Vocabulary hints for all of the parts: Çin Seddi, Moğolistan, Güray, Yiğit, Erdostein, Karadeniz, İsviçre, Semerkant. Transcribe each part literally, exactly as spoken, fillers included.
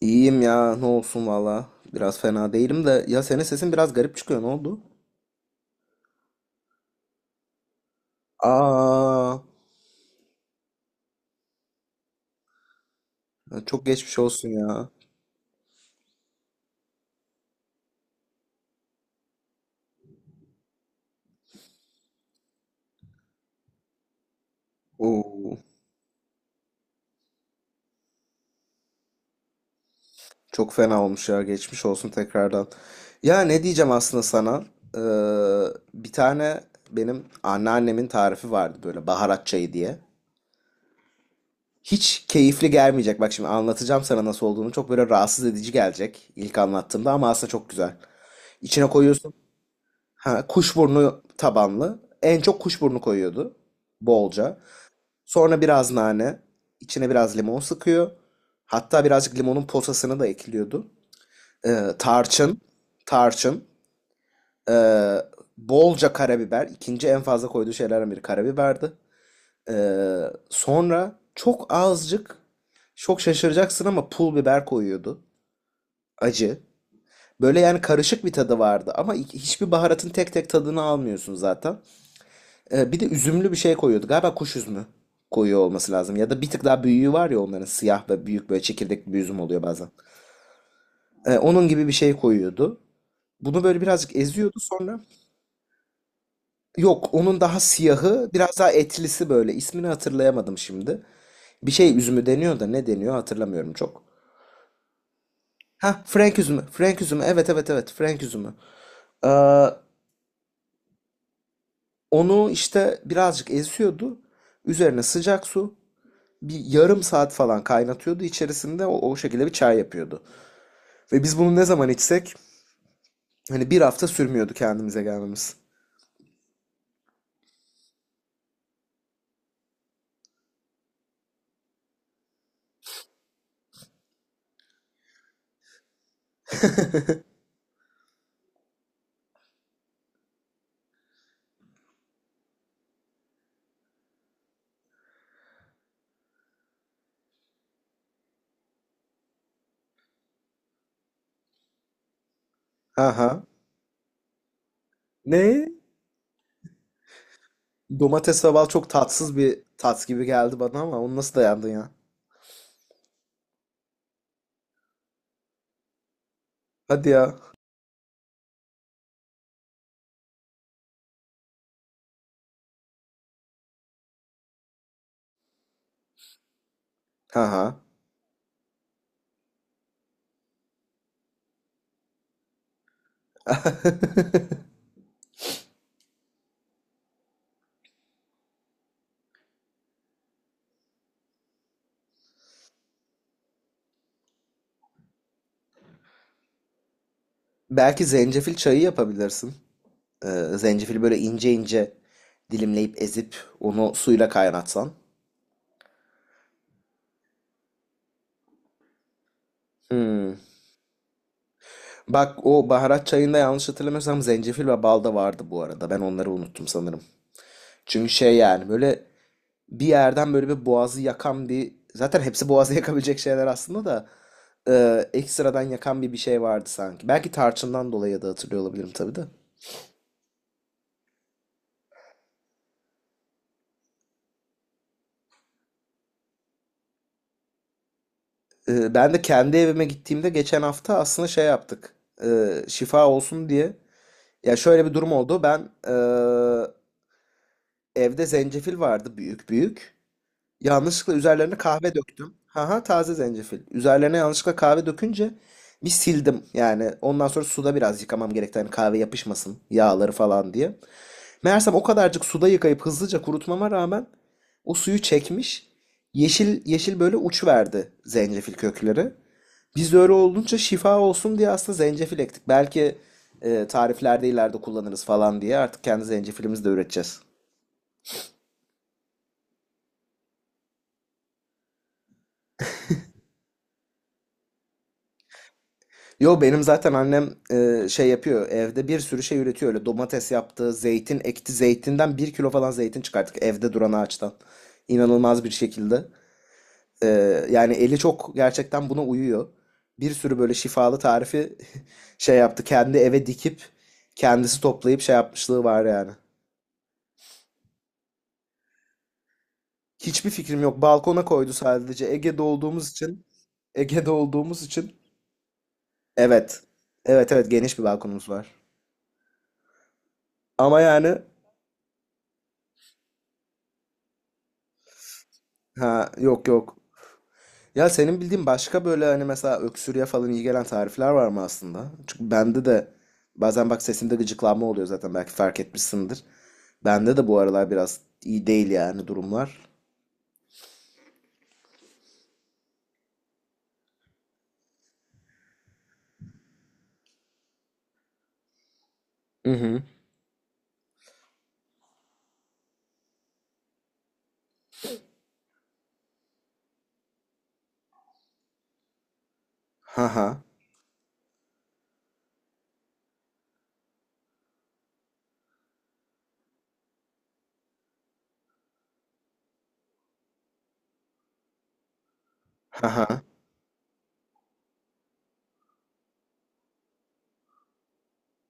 İyiyim ya ne olsun valla. Biraz fena değilim de ya senin sesin biraz garip çıkıyor ne oldu? Aa, çok geçmiş olsun ya. Oo, çok fena olmuş ya geçmiş olsun tekrardan. Ya ne diyeceğim aslında sana? Ee, bir tane benim anneannemin tarifi vardı böyle baharat çayı diye. Hiç keyifli gelmeyecek. Bak şimdi anlatacağım sana nasıl olduğunu. Çok böyle rahatsız edici gelecek ilk anlattığımda ama aslında çok güzel. İçine koyuyorsun. Ha, kuşburnu tabanlı. En çok kuşburnu koyuyordu. Bolca. Sonra biraz nane. İçine biraz limon sıkıyor. Hatta birazcık limonun posasını da ekliyordu. Ee, tarçın. Tarçın. Ee, bolca karabiber. İkinci en fazla koyduğu şeylerden biri karabiberdi. Ee, sonra çok azıcık, çok şaşıracaksın ama pul biber koyuyordu. Acı. Böyle yani karışık bir tadı vardı ama hiçbir baharatın tek tek tadını almıyorsun zaten. Ee, bir de üzümlü bir şey koyuyordu. Galiba kuş üzümü koyuyor olması lazım. Ya da bir tık daha büyüğü var ya onların, siyah ve büyük böyle çekirdekli bir üzüm oluyor bazen. Ee, onun gibi bir şey koyuyordu. Bunu böyle birazcık eziyordu sonra. Yok onun daha siyahı, biraz daha etlisi böyle. İsmini hatırlayamadım şimdi. Bir şey üzümü deniyor da ne deniyor hatırlamıyorum çok. Ha, Frank üzümü. Frank üzümü. Evet, evet, evet, Frank üzümü. Ee, onu işte birazcık eziyordu. Üzerine sıcak su, bir yarım saat falan kaynatıyordu içerisinde, o, o şekilde bir çay yapıyordu. Ve biz bunu ne zaman içsek hani bir hafta sürmüyordu kendimize gelmemiz. Aha. Ne? Domates ve bal çok tatsız bir tat gibi geldi bana ama onu nasıl dayandın ya? Hadi ya. Aha. Belki zencefil çayı yapabilirsin. Ee, zencefili böyle ince ince dilimleyip ezip onu suyla kaynatsan. Hmm. Bak o baharat çayında, yanlış hatırlamıyorsam, zencefil ve bal da vardı bu arada. Ben onları unuttum sanırım. Çünkü şey, yani böyle bir yerden böyle bir boğazı yakan bir, zaten hepsi boğazı yakabilecek şeyler aslında da e, ekstradan yakan bir bir şey vardı sanki. Belki tarçından dolayı da hatırlıyor olabilirim tabii de. E, ben de kendi evime gittiğimde, geçen hafta, aslında şey yaptık. E, şifa olsun diye. Ya şöyle bir durum oldu. Ben e, evde zencefil vardı, büyük büyük. Yanlışlıkla üzerlerine kahve döktüm. Haha, taze zencefil. Üzerlerine yanlışlıkla kahve dökünce bir sildim. Yani ondan sonra suda biraz yıkamam gerekti. Hani kahve yapışmasın, yağları falan diye. Meğersem o kadarcık suda yıkayıp hızlıca kurutmama rağmen o suyu çekmiş. Yeşil yeşil böyle uç verdi zencefil kökleri. Biz de öyle olunca şifa olsun diye aslında zencefil ektik. Belki e, tariflerde ileride kullanırız falan diye artık kendi zencefilimizi de üreteceğiz. Yo, benim zaten annem e, şey yapıyor, evde bir sürü şey üretiyor. Öyle domates yaptı, zeytin ekti, zeytinden bir kilo falan zeytin çıkarttık evde duran ağaçtan, inanılmaz bir şekilde. E, yani eli çok gerçekten buna uyuyor. Bir sürü böyle şifalı tarifi şey yaptı, kendi eve dikip kendisi toplayıp şey yapmışlığı var yani. Hiçbir fikrim yok, balkona koydu sadece. Ege'de olduğumuz için. Ege'de olduğumuz için evet, evet, evet, geniş bir balkonumuz var. Ama yani. Ha, yok, yok. Ya senin bildiğin başka böyle, hani mesela öksürüğe falan iyi gelen tarifler var mı aslında? Çünkü bende de bazen, bak, sesimde gıcıklanma oluyor zaten, belki fark etmişsindir. Bende de bu aralar biraz iyi değil yani durumlar. Hı hı. Ha ha. Ha ha.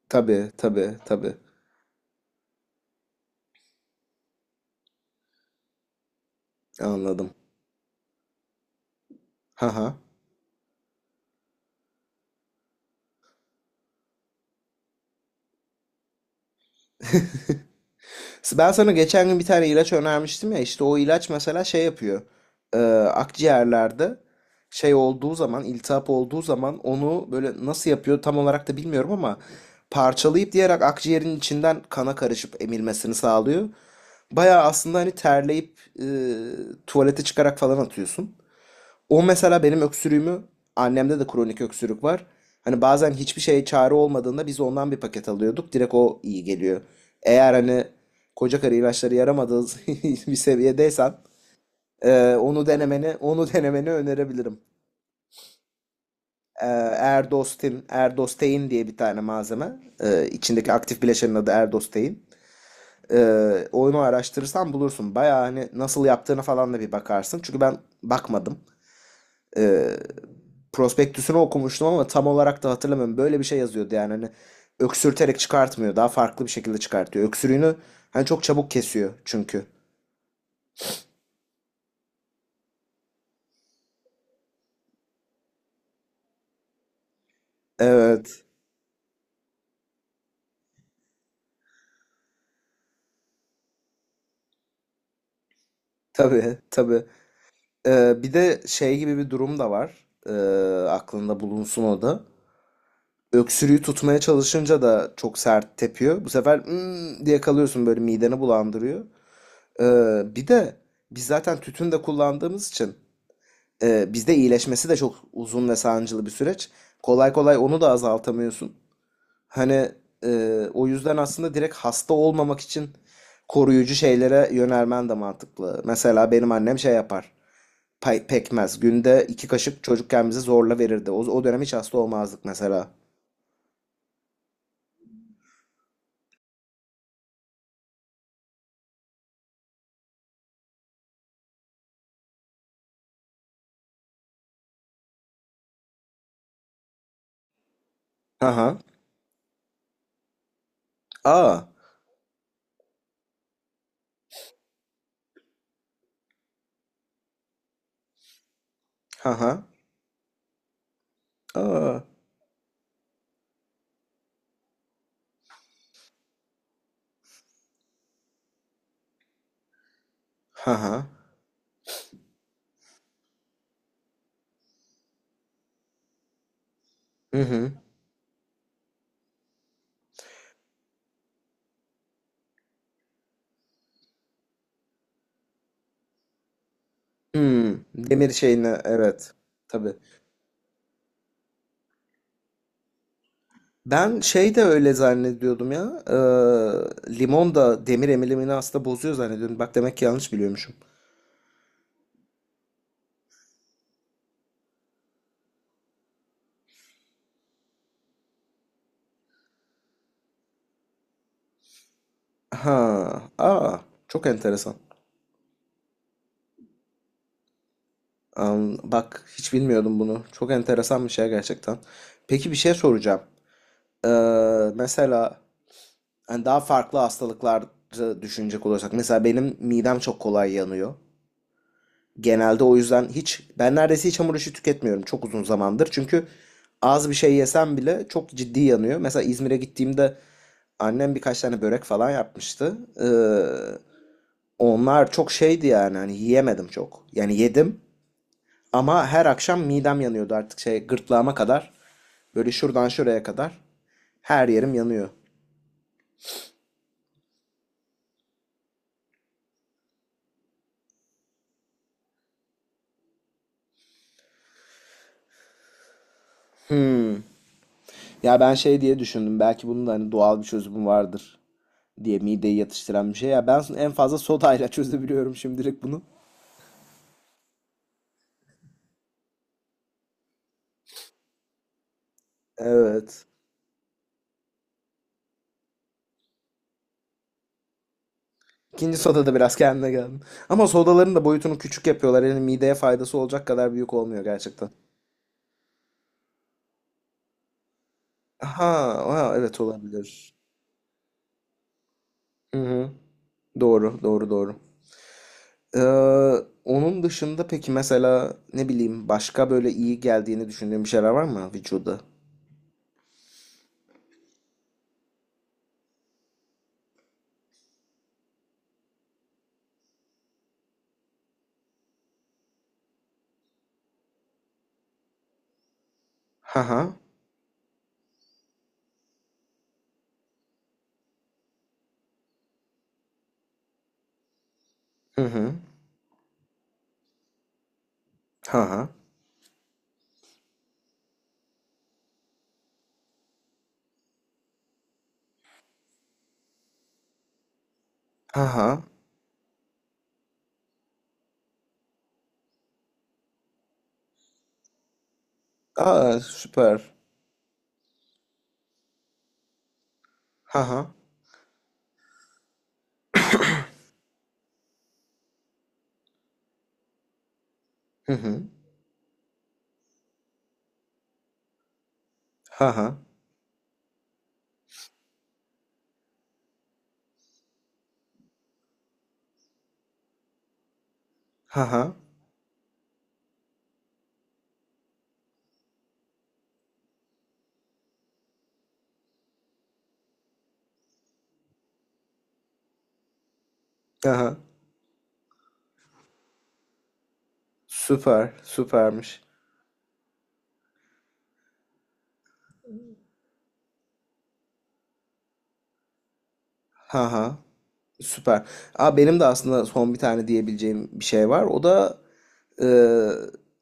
Tabii, tabii, tabii. Anladım. Ha ha. Ben sana geçen gün bir tane ilaç önermiştim ya, işte o ilaç mesela şey yapıyor. Ee, akciğerlerde şey olduğu zaman, iltihap olduğu zaman, onu böyle nasıl yapıyor tam olarak da bilmiyorum ama parçalayıp diyerek akciğerin içinden kana karışıp emilmesini sağlıyor. Baya aslında hani terleyip e, tuvalete çıkarak falan atıyorsun. O mesela benim öksürüğümü, annemde de kronik öksürük var. Hani bazen hiçbir şeye çare olmadığında biz ondan bir paket alıyorduk. Direkt o iyi geliyor. Eğer hani koca karı ilaçları yaramadığı bir seviyedeysen, e, onu denemeni onu denemeni önerebilirim. E, Erdostin, Erdostein diye bir tane malzeme. E, içindeki aktif bileşenin adı Erdostein. E, onu araştırırsan bulursun. Bayağı hani nasıl yaptığını falan da bir bakarsın. Çünkü ben bakmadım. e, prospektüsünü okumuştum ama tam olarak da hatırlamıyorum. Böyle bir şey yazıyordu yani, hani öksürterek çıkartmıyor. Daha farklı bir şekilde çıkartıyor. Öksürüğünü hani çok çabuk kesiyor çünkü. Evet. Tabii, tabii. E, bir de şey gibi bir durum da var. E, aklında bulunsun o da. Öksürüğü tutmaya çalışınca da çok sert tepiyor. Bu sefer "Hmm" diye kalıyorsun, böyle mideni bulandırıyor. E, bir de biz zaten tütün de kullandığımız için, Ee, bizde iyileşmesi de çok uzun ve sancılı bir süreç. Kolay kolay onu da azaltamıyorsun. Hani e, o yüzden aslında direkt hasta olmamak için koruyucu şeylere yönelmen de mantıklı. Mesela benim annem şey yapar. Pay- pekmez. Günde iki kaşık çocukken bize zorla verirdi. O, o dönem hiç hasta olmazdık mesela. Haha. Aa. Haha. Aa. Haha. Hı hı. Hmm. Demir şeyini, evet. Tabii. Ben şey de öyle zannediyordum ya. eee, limon da demir emilimini aslında bozuyor zannediyordum. Bak, demek ki yanlış biliyormuşum. Ha, aa, çok enteresan. Am, bak hiç bilmiyordum bunu. Çok enteresan bir şey gerçekten. Peki, bir şey soracağım. Eee, mesela hani daha farklı hastalıkları düşünecek olursak. Mesela benim midem çok kolay yanıyor. Genelde o yüzden hiç, ben neredeyse hiç hamur işi tüketmiyorum çok uzun zamandır. Çünkü az bir şey yesem bile çok ciddi yanıyor. Mesela İzmir'e gittiğimde annem birkaç tane börek falan yapmıştı. Ee, onlar çok şeydi yani, hani yiyemedim çok. Yani yedim ama her akşam midem yanıyordu artık, şey, gırtlağıma kadar. Böyle şuradan şuraya kadar her yerim yanıyor. Ya ben şey diye düşündüm, belki bunun da hani doğal bir çözümü vardır diye, mideyi yatıştıran bir şey. Ya ben en fazla sodayla çözebiliyorum şimdilik bunu. Evet. İkinci sodada biraz kendine geldim. Ama sodaların da boyutunu küçük yapıyorlar. Yani mideye faydası olacak kadar büyük olmuyor gerçekten. Ha, ha, evet olabilir. Hı hı. Doğru, doğru, doğru. Ee, onun dışında peki mesela, ne bileyim, başka böyle iyi geldiğini düşündüğün bir şeyler var mı vücuda? Ha ha. Hı hı. Ha ha. Ha ha. Aa, süper. Ha ha. Hı hı. Ha ha. Ha ha. Ha ha. Süper, süpermiş. Ha ha. Süper. Aa, benim de aslında son bir tane diyebileceğim bir şey var. O da e,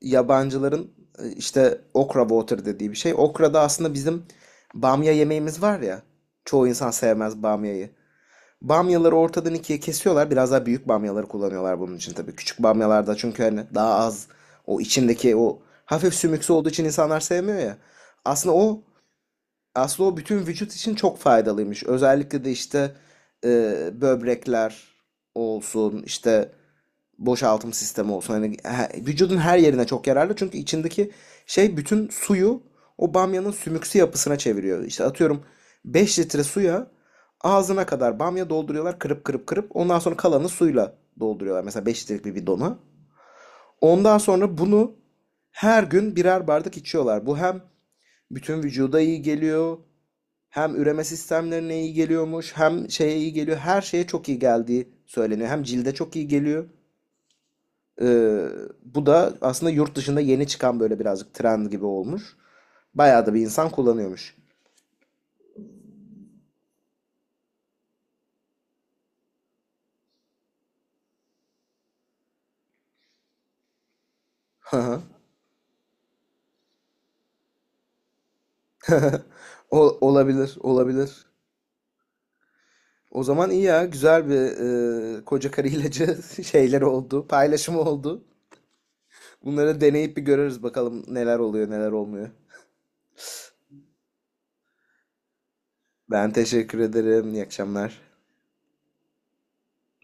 yabancıların e, işte okra water dediği bir şey. Okra da aslında bizim bamya yemeğimiz var ya. Çoğu insan sevmez bamyayı. Bamyaları ortadan ikiye kesiyorlar. Biraz daha büyük bamyaları kullanıyorlar bunun için tabii. Küçük bamyalarda, çünkü hani daha az o içindeki, o hafif sümüksü olduğu için insanlar sevmiyor ya. Aslında o aslında o bütün vücut için çok faydalıymış. Özellikle de işte e, böbrekler olsun, işte boşaltım sistemi olsun. Hani he- vücudun her yerine çok yararlı. Çünkü içindeki şey bütün suyu o bamyanın sümüksü yapısına çeviriyor. İşte atıyorum, beş litre suya ağzına kadar bamya dolduruyorlar kırıp kırıp kırıp. Ondan sonra kalanı suyla dolduruyorlar. Mesela beş litrelik bir bidona. Ondan sonra bunu her gün birer bardak içiyorlar. Bu hem bütün vücuda iyi geliyor. Hem üreme sistemlerine iyi geliyormuş, hem şeye iyi geliyor. Her şeye çok iyi geldiği söyleniyor. Hem cilde çok iyi geliyor. Ee, bu da aslında yurt dışında yeni çıkan böyle birazcık trend gibi olmuş. Bayağı da bir insan kullanıyormuş. Hı. Olabilir, olabilir. O zaman iyi ya, güzel bir e, koca karı ilacı şeyleri oldu, paylaşımı oldu. Bunları deneyip bir görürüz bakalım neler oluyor, neler olmuyor. Ben teşekkür ederim. İyi akşamlar.